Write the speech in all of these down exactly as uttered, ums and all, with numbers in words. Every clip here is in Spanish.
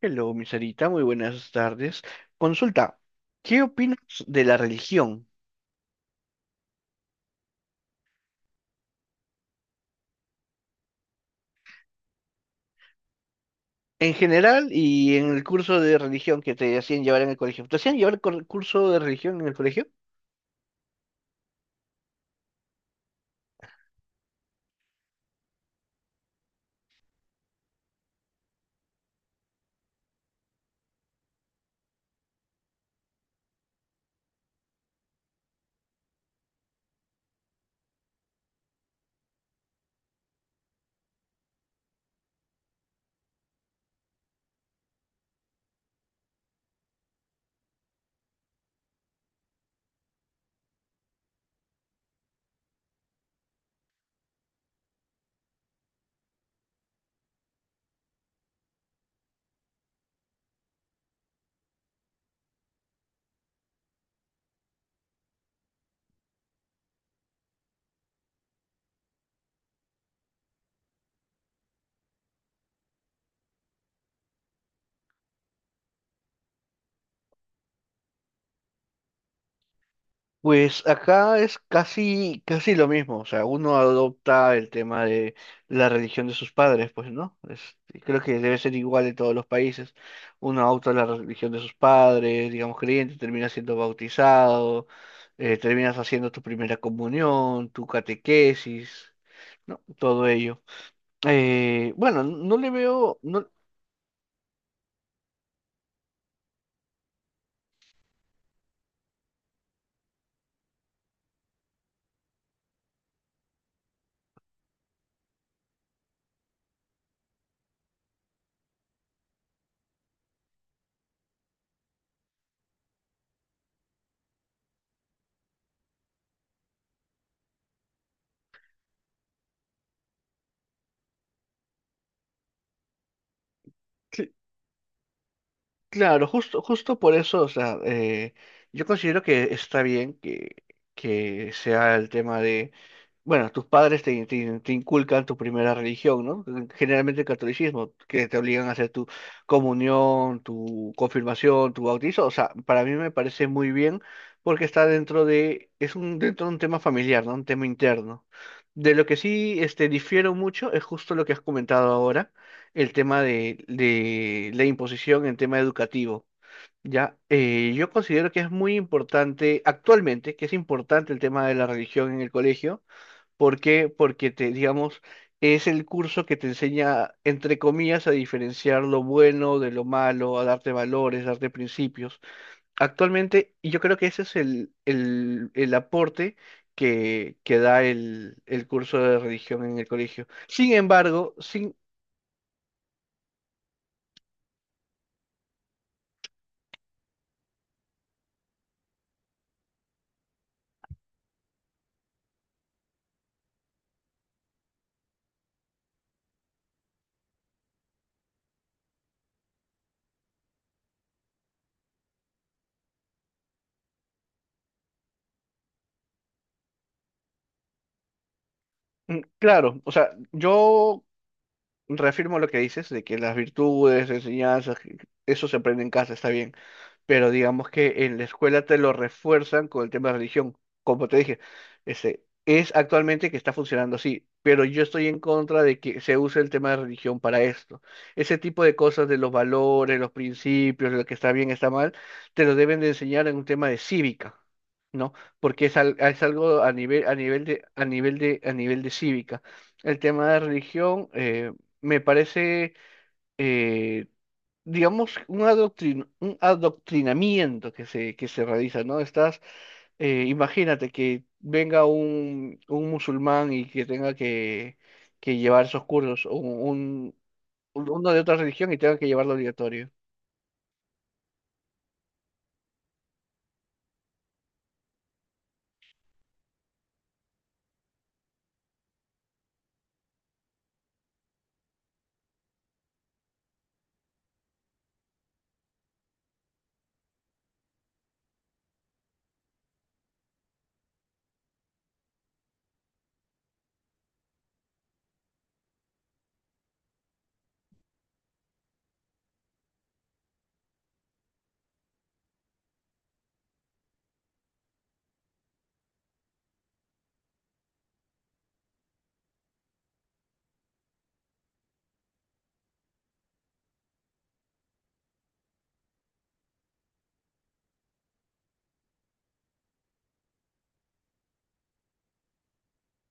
Hello, mi Sarita, muy buenas tardes. Consulta, ¿qué opinas de la religión en general y en el curso de religión que te hacían llevar en el colegio? ¿Te hacían llevar el cor- curso de religión en el colegio? Pues acá es casi, casi lo mismo, o sea, uno adopta el tema de la religión de sus padres, pues, ¿no? Es- creo que debe ser igual en todos los países. Uno adopta la religión de sus padres, digamos creyente, termina siendo bautizado, eh, terminas haciendo tu primera comunión, tu catequesis, ¿no? Todo ello. Eh, bueno, no le veo, no, sí. Claro, justo, justo por eso, o sea, eh, yo considero que está bien que, que sea el tema de, bueno, tus padres te, te- te inculcan tu primera religión, ¿no? Generalmente el catolicismo, que te obligan a hacer tu comunión, tu confirmación, tu bautizo, o sea, para mí me parece muy bien porque está dentro de, es un, dentro de un tema familiar, ¿no? Un tema interno. De lo que sí, este, difiero mucho es justo lo que has comentado ahora, el tema de, de la imposición en tema educativo. Ya. Eh, yo considero que es muy importante actualmente, que es importante el tema de la religión en el colegio, porque porque te digamos es el curso que te enseña entre comillas a diferenciar lo bueno de lo malo, a darte valores, darte principios. Actualmente, y yo creo que ese es el el, el aporte que, que da el, el curso de religión en el colegio. Sin embargo, sin. Mm, claro, o sea, yo reafirmo lo que dices de que las virtudes, enseñanzas, que- que eso se aprende en casa, está bien, pero digamos que en la escuela te lo refuerzan con el tema de religión. Como te dije, este, es actualmente que está funcionando así, pero yo estoy en contra de que se use el tema de religión para esto. Ese tipo de cosas de los valores, los principios, lo que está bien, está mal, te lo deben de enseñar en un tema de cívica. ¿No? Porque es, al- es algo a nivel, a nivel de, a nivel de, a nivel de cívica. El tema de religión, eh, me parece, eh, digamos, un adoctrin- un adoctrinamiento que se, que se realiza, ¿no? Estás, eh, imagínate que venga un, un musulmán y que tenga que, que llevar esos cursos, o un, un- uno de otra religión y tenga que llevarlo obligatorio.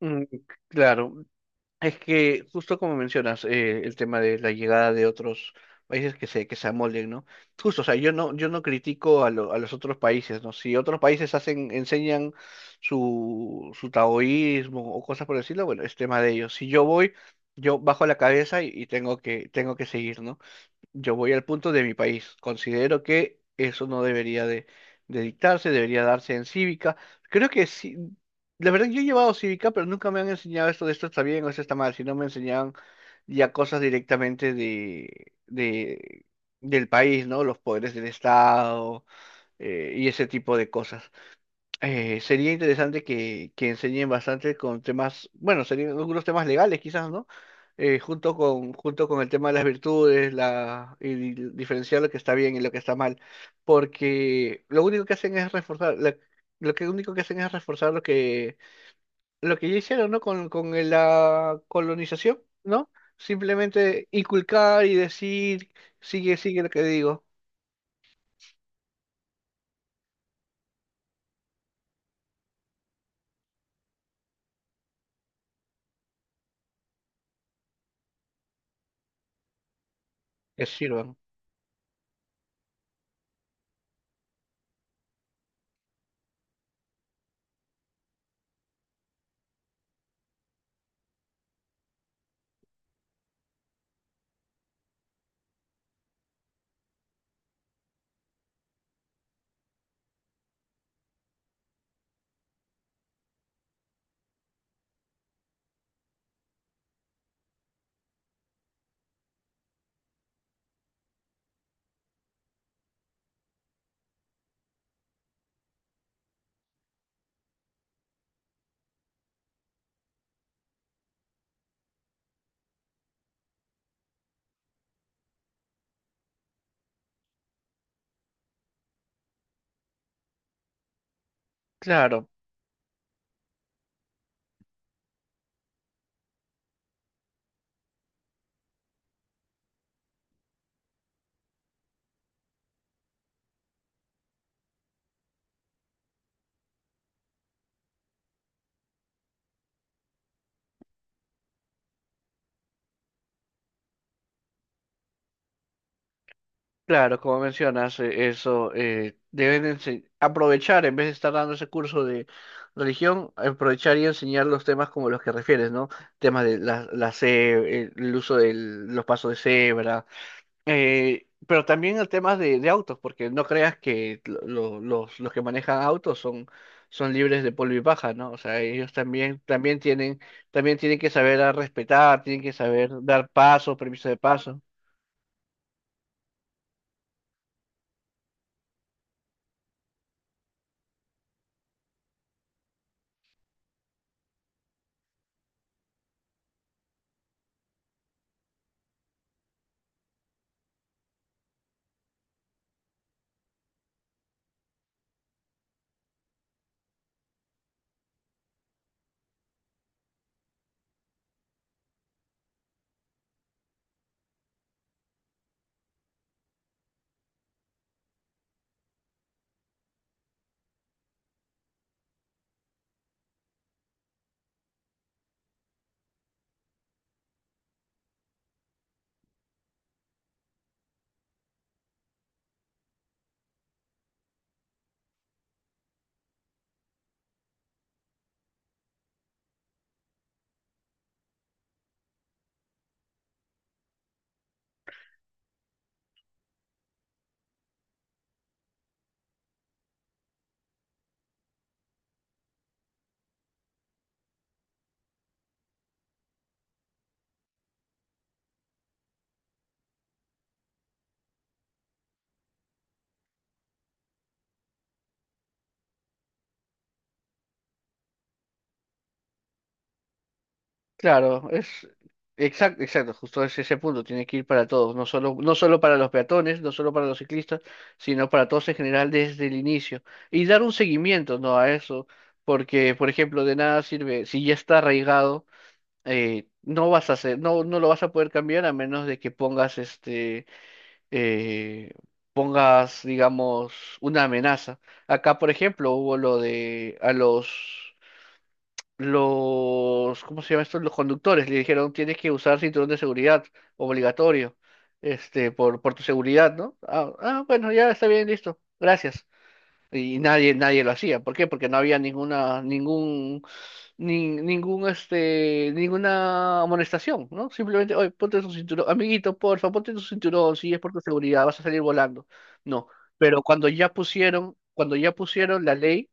Mm, claro. Es que justo como mencionas, eh, el tema de la llegada de otros países que se, que se amolden, ¿no? Justo, o sea, yo no, yo no critico a, lo- a los otros países, ¿no? Si otros países hacen, enseñan su, su taoísmo o cosas por decirlo, bueno, es tema de ellos. Si yo voy, yo bajo la cabeza y, y tengo que, tengo que seguir, ¿no? Yo voy al punto de mi país. Considero que eso no debería de, de dictarse, debería darse en cívica. Creo que sí. La verdad, yo he llevado cívica, pero nunca me han enseñado esto de esto está bien o esto está mal, sino me enseñaban ya cosas directamente de, de, del país, ¿no? Los poderes del Estado, eh, y ese tipo de cosas. Eh, sería interesante que, que enseñen bastante con temas, bueno, serían algunos temas legales quizás, ¿no? Eh, junto con, junto con el tema de las virtudes, la, y di- diferenciar lo que está bien y lo que está mal, porque lo único que hacen es reforzar, la- lo que único que hacen es reforzar lo que, lo que ya hicieron, ¿no? Con, con el- la colonización, ¿no? Simplemente inculcar y decir, sigue, sigue lo que digo, que sirvan. Claro. Claro, como mencionas, eh, eso, eh, deben ense- aprovechar, en vez de estar dando ese curso de religión, aprovechar y enseñar los temas como los que refieres, ¿no? Temas de la, la ce- el el uso de los pasos de cebra, eh, pero también el tema de, de autos, porque no creas que lo- lo- los, los que manejan autos son, son libres de polvo y paja, ¿no? O sea, ellos también, también tienen, también tienen que saber a respetar, tienen que saber dar pasos, permiso de paso. Claro, es exacto, exacto, justo es ese punto, tiene que ir para todos, no solo, no solo para los peatones, no solo para los ciclistas, sino para todos en general desde el inicio. Y dar un seguimiento, ¿no? A eso, porque, por ejemplo, de nada sirve, si ya está arraigado, eh, no vas a hacer, no, no lo vas a poder cambiar a menos de que pongas este, eh, pongas, digamos, una amenaza. Acá, por ejemplo, hubo lo de a los los, ¿cómo se llama esto? Los conductores le dijeron, tienes que usar cinturón de seguridad, obligatorio, este, por, por tu seguridad, ¿no? Ah, ah, bueno, ya está bien, listo, gracias. Y nadie, nadie lo hacía. ¿Por qué? Porque no había ninguna, ningún, ni- ningún, este, ninguna amonestación, ¿no? Simplemente, oye, ponte tu cinturón, amiguito, porfa, ponte tu cinturón, si es por tu seguridad, vas a salir volando. No, pero cuando ya pusieron, cuando ya pusieron la ley,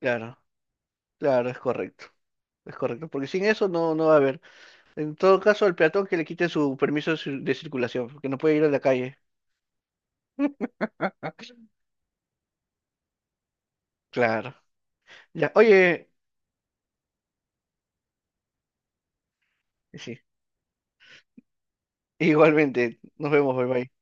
claro, claro, es correcto. Es correcto, porque sin eso no, no va a haber. En todo caso, al peatón que le quiten su permiso de cir- de circulación, porque no puede ir a la calle. Claro. Ya, oye, sí, igualmente, nos vemos, bye bye.